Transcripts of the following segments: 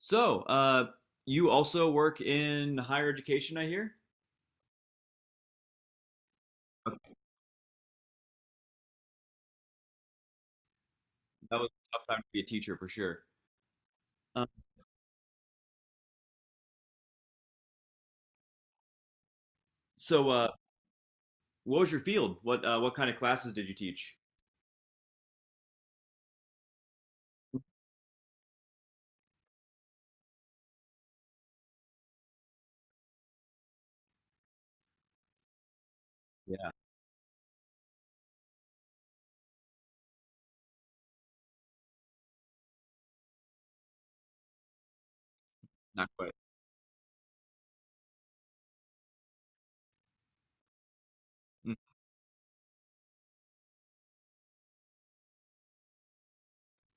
So, uh, you also work in higher education, I hear? Okay, that was a tough time to be a teacher for sure. Um, so, uh, what was your field? What kind of classes did you teach? Yeah, not quite. Mm.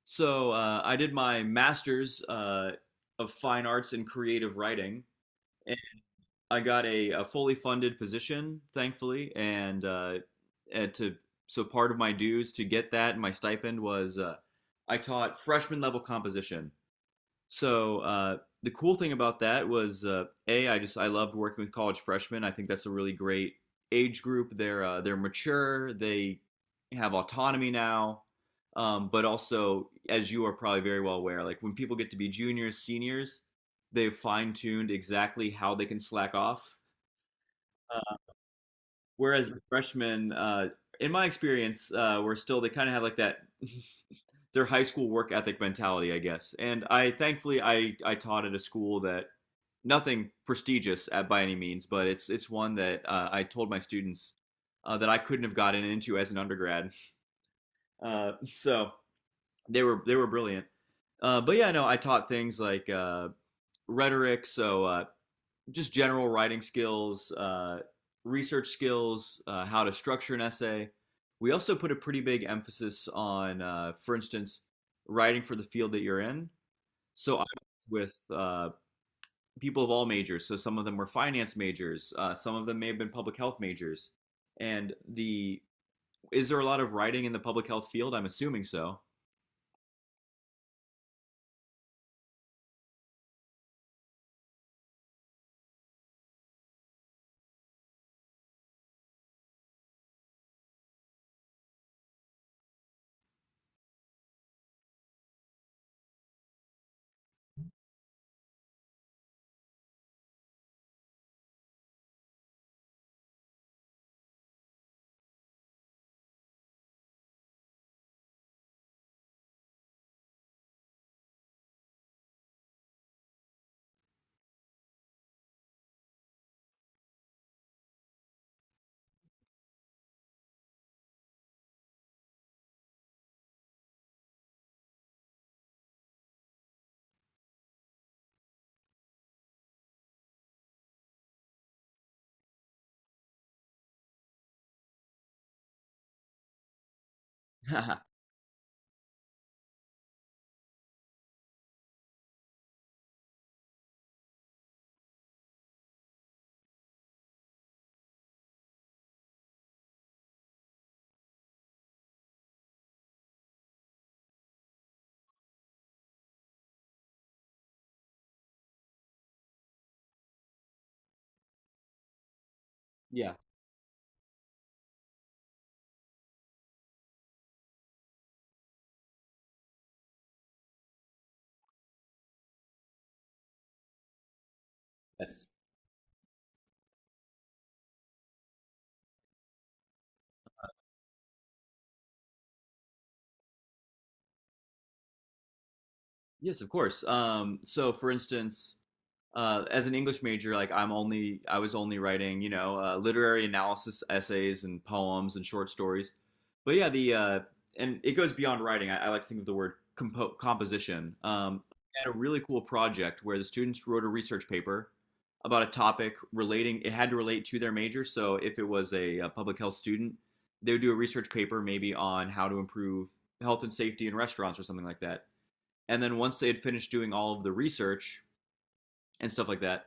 I did my master's of fine arts in creative writing, and I got a fully funded position, thankfully. And to so part of my dues to get that, my stipend was I taught freshman level composition. So uh, the cool thing about that was a I just I loved working with college freshmen. I think that's a really great age group. They're mature. They have autonomy now. But also, as you are probably very well aware, like when people get to be juniors, seniors, they've fine tuned exactly how they can slack off. Uh, Whereas the freshmen, in my experience, were still they kind of had like that their high school work ethic mentality, I guess. And I thankfully I taught at a school that nothing prestigious at, by any means, but it's one that I told my students that I couldn't have gotten into as an undergrad. So they were brilliant. But yeah, no, I taught things like rhetoric, just general writing skills, research skills, how to structure an essay. We also put a pretty big emphasis on, for instance, writing for the field that you're in. So I worked with people of all majors. So some of them were finance majors. Some of them may have been public health majors. And the Is there a lot of writing in the public health field? I'm assuming so. Yeah. That's Yes, of course. So for instance, as an English major, like I was only writing, you know, literary analysis essays and poems and short stories. But yeah, the and it goes beyond writing. I like to think of the word composition. I had a really cool project where the students wrote a research paper about a topic relating. It had to relate to their major. So if it was a, public health student, they would do a research paper maybe on how to improve health and safety in restaurants or something like that. And then once they had finished doing all of the research, and stuff like that.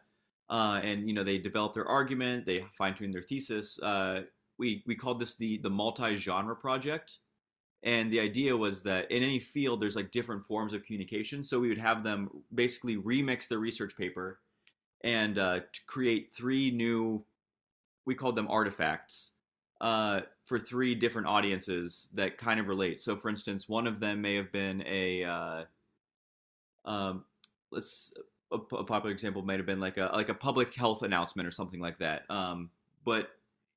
And you know they develop their argument, they fine tune their thesis. We called this the multi genre project, and the idea was that in any field there's like different forms of communication. So we would have them basically remix their research paper and to create three new, we called them artifacts for three different audiences that kind of relate. So for instance, one of them may have been um, let's a popular example might have been like a public health announcement or something like that. But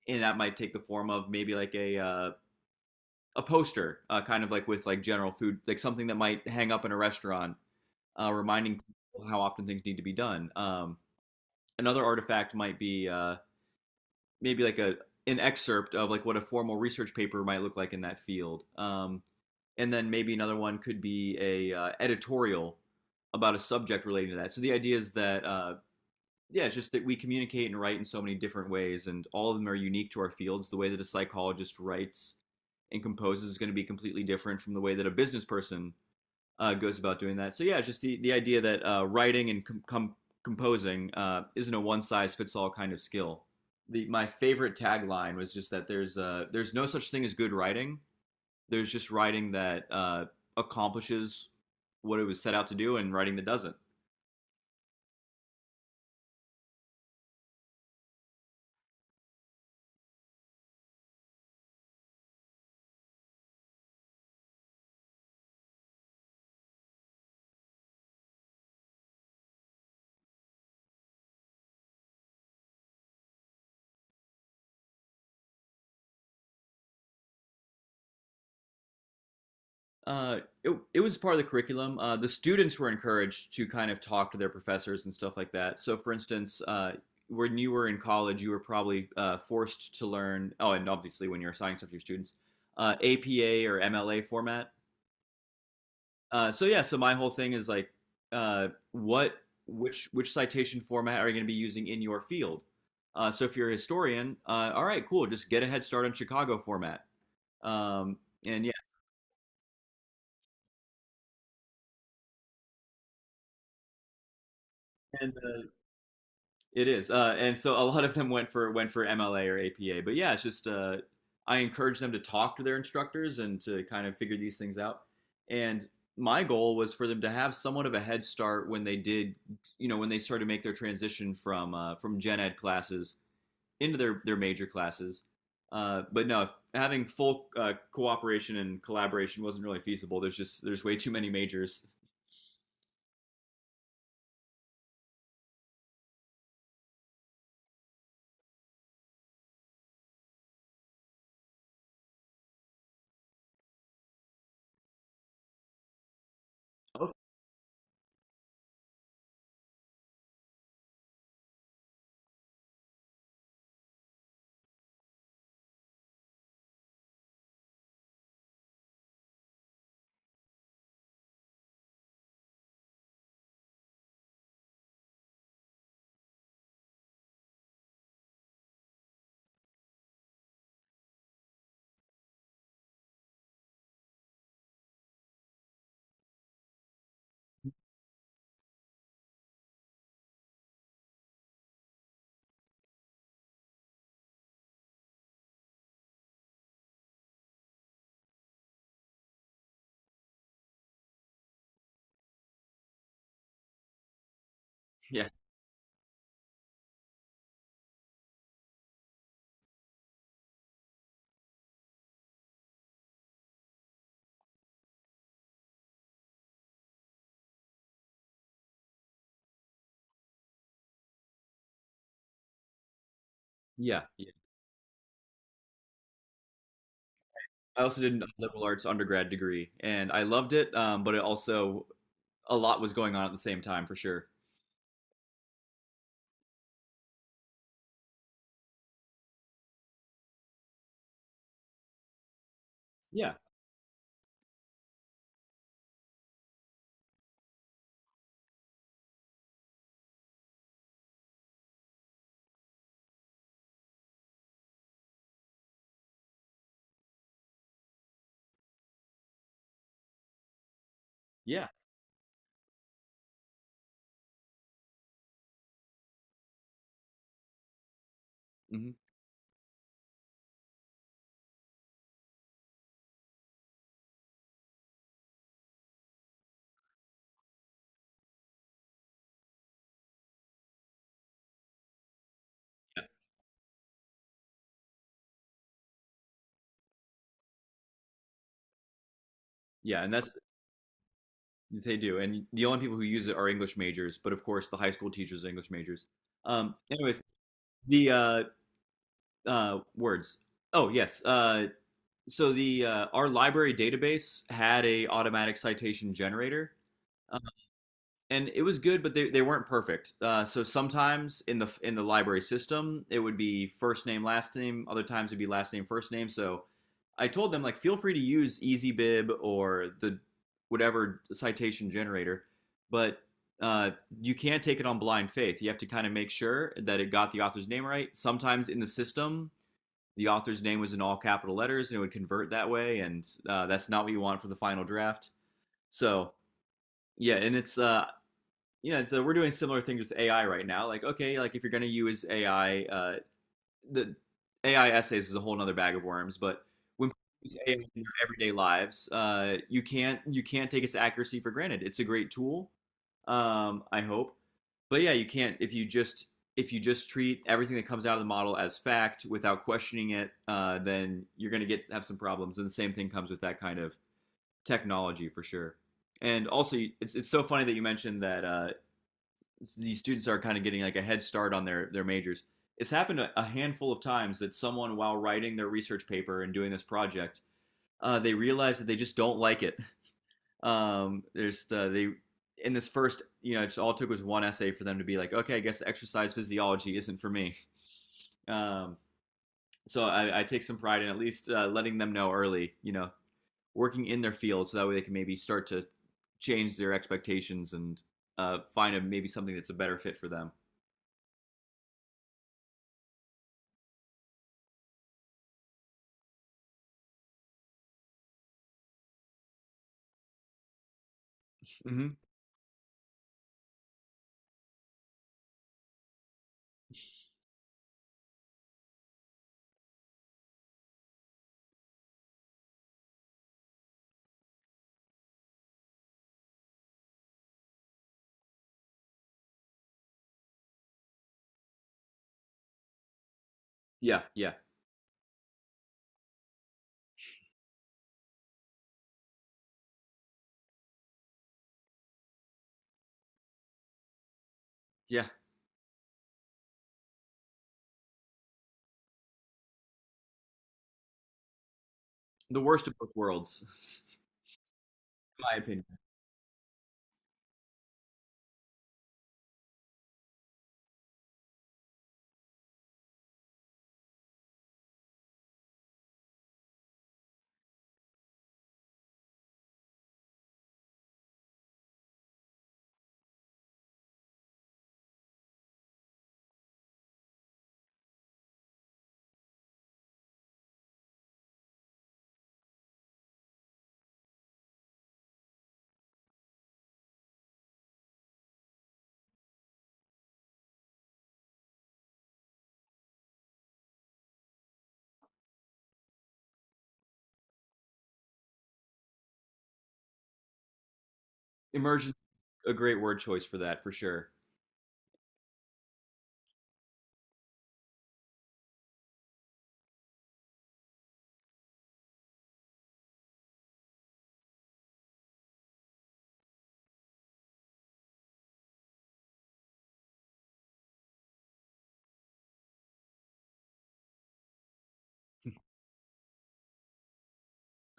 and that might take the form of maybe like a poster, kind of like with like general food, like something that might hang up in a restaurant, reminding people how often things need to be done. Another artifact might be maybe like a an excerpt of like what a formal research paper might look like in that field. And then maybe another one could be a editorial about a subject relating to that. So the idea is that yeah, just that we communicate and write in so many different ways, and all of them are unique to our fields. The way that a psychologist writes and composes is going to be completely different from the way that a business person goes about doing that. So yeah, just the idea that writing and composing isn't a one size fits all kind of skill. My favorite tagline was just that there's no such thing as good writing, there's just writing that accomplishes what it was set out to do and writing that doesn't. It was part of the curriculum. The students were encouraged to kind of talk to their professors and stuff like that. So, for instance, when you were in college, you were probably forced to learn, oh, and obviously when you're assigning stuff to your students, APA or MLA format. Yeah, so my whole thing is like, uh, what, which citation format are you going to be using in your field? So if you're a historian, all right, cool, just get a head start on Chicago format. Um, and yeah, and it is. And so a lot of them went for MLA or APA. But yeah, it's just I encourage them to talk to their instructors and to kind of figure these things out. And my goal was for them to have somewhat of a head start when they did, you know, when they started to make their transition from gen ed classes into their major classes. But No, having full cooperation and collaboration wasn't really feasible. There's way too many majors. Oh. Yeah, yeah, yeah. I also did a liberal arts undergrad degree, and I loved it. But it also a lot was going on at the same time for sure. Yeah, yeah, hmm yeah, yeah. And that's they do. And the only people who use it are English majors, but of course the high school teachers are English majors. Anyways, the words. Oh yes, so the our library database had a automatic citation generator uh, and it was good but they weren't perfect so sometimes in the library system it would be first name last name other times it'd be last name first name so I told them like feel free to use EasyBib or the whatever citation generator but uh, you can't take it on blind faith you have to kind of make sure that it got the author's name right sometimes in the system the author's name was in all capital letters and it would convert that way and that's not what you want for the final draft so yeah and it's yeah so we're doing similar things with AI right now like okay like if you're going to use AI the AI essays is a whole nother bag of worms, but when people use AI in their everyday lives, you can't take its accuracy for granted. It's a great tool, I hope, but yeah, you can't if you just treat everything that comes out of the model as fact without questioning it, then you're going to get have some problems. And the same thing comes with that kind of technology for sure. And also, it's so funny that you mentioned that these students are kind of getting like a head start on their majors. It's happened a, handful of times that someone, while writing their research paper and doing this project, they realize that they just don't like it. There's they in this first, you know, it all took was one essay for them to be like, okay, I guess exercise physiology isn't for me. Um, so I take some pride in at least letting them know early, you know, working in their field, so that way they can maybe start to change their expectations and find a, maybe something that's a better fit for them. Mm-hmm. Yeah, yeah, yeah. The worst of both worlds, in my opinion. Emergency, a great word choice for that, for sure.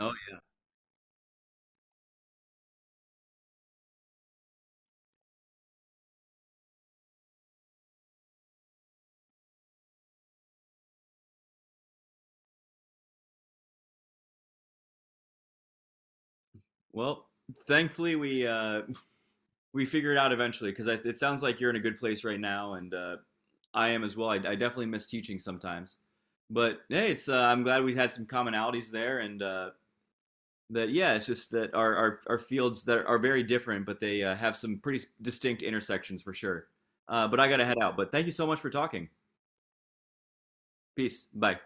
Oh, yeah. Well, Thankfully we figured it out eventually because it sounds like you're in a good place right now, and I am as well. I definitely miss teaching sometimes, but hey, it's I'm glad we had some commonalities there, and that yeah, it's just that our our fields that are very different, but they have some pretty distinct intersections for sure. But I gotta head out. But thank you so much for talking. Peace. Bye.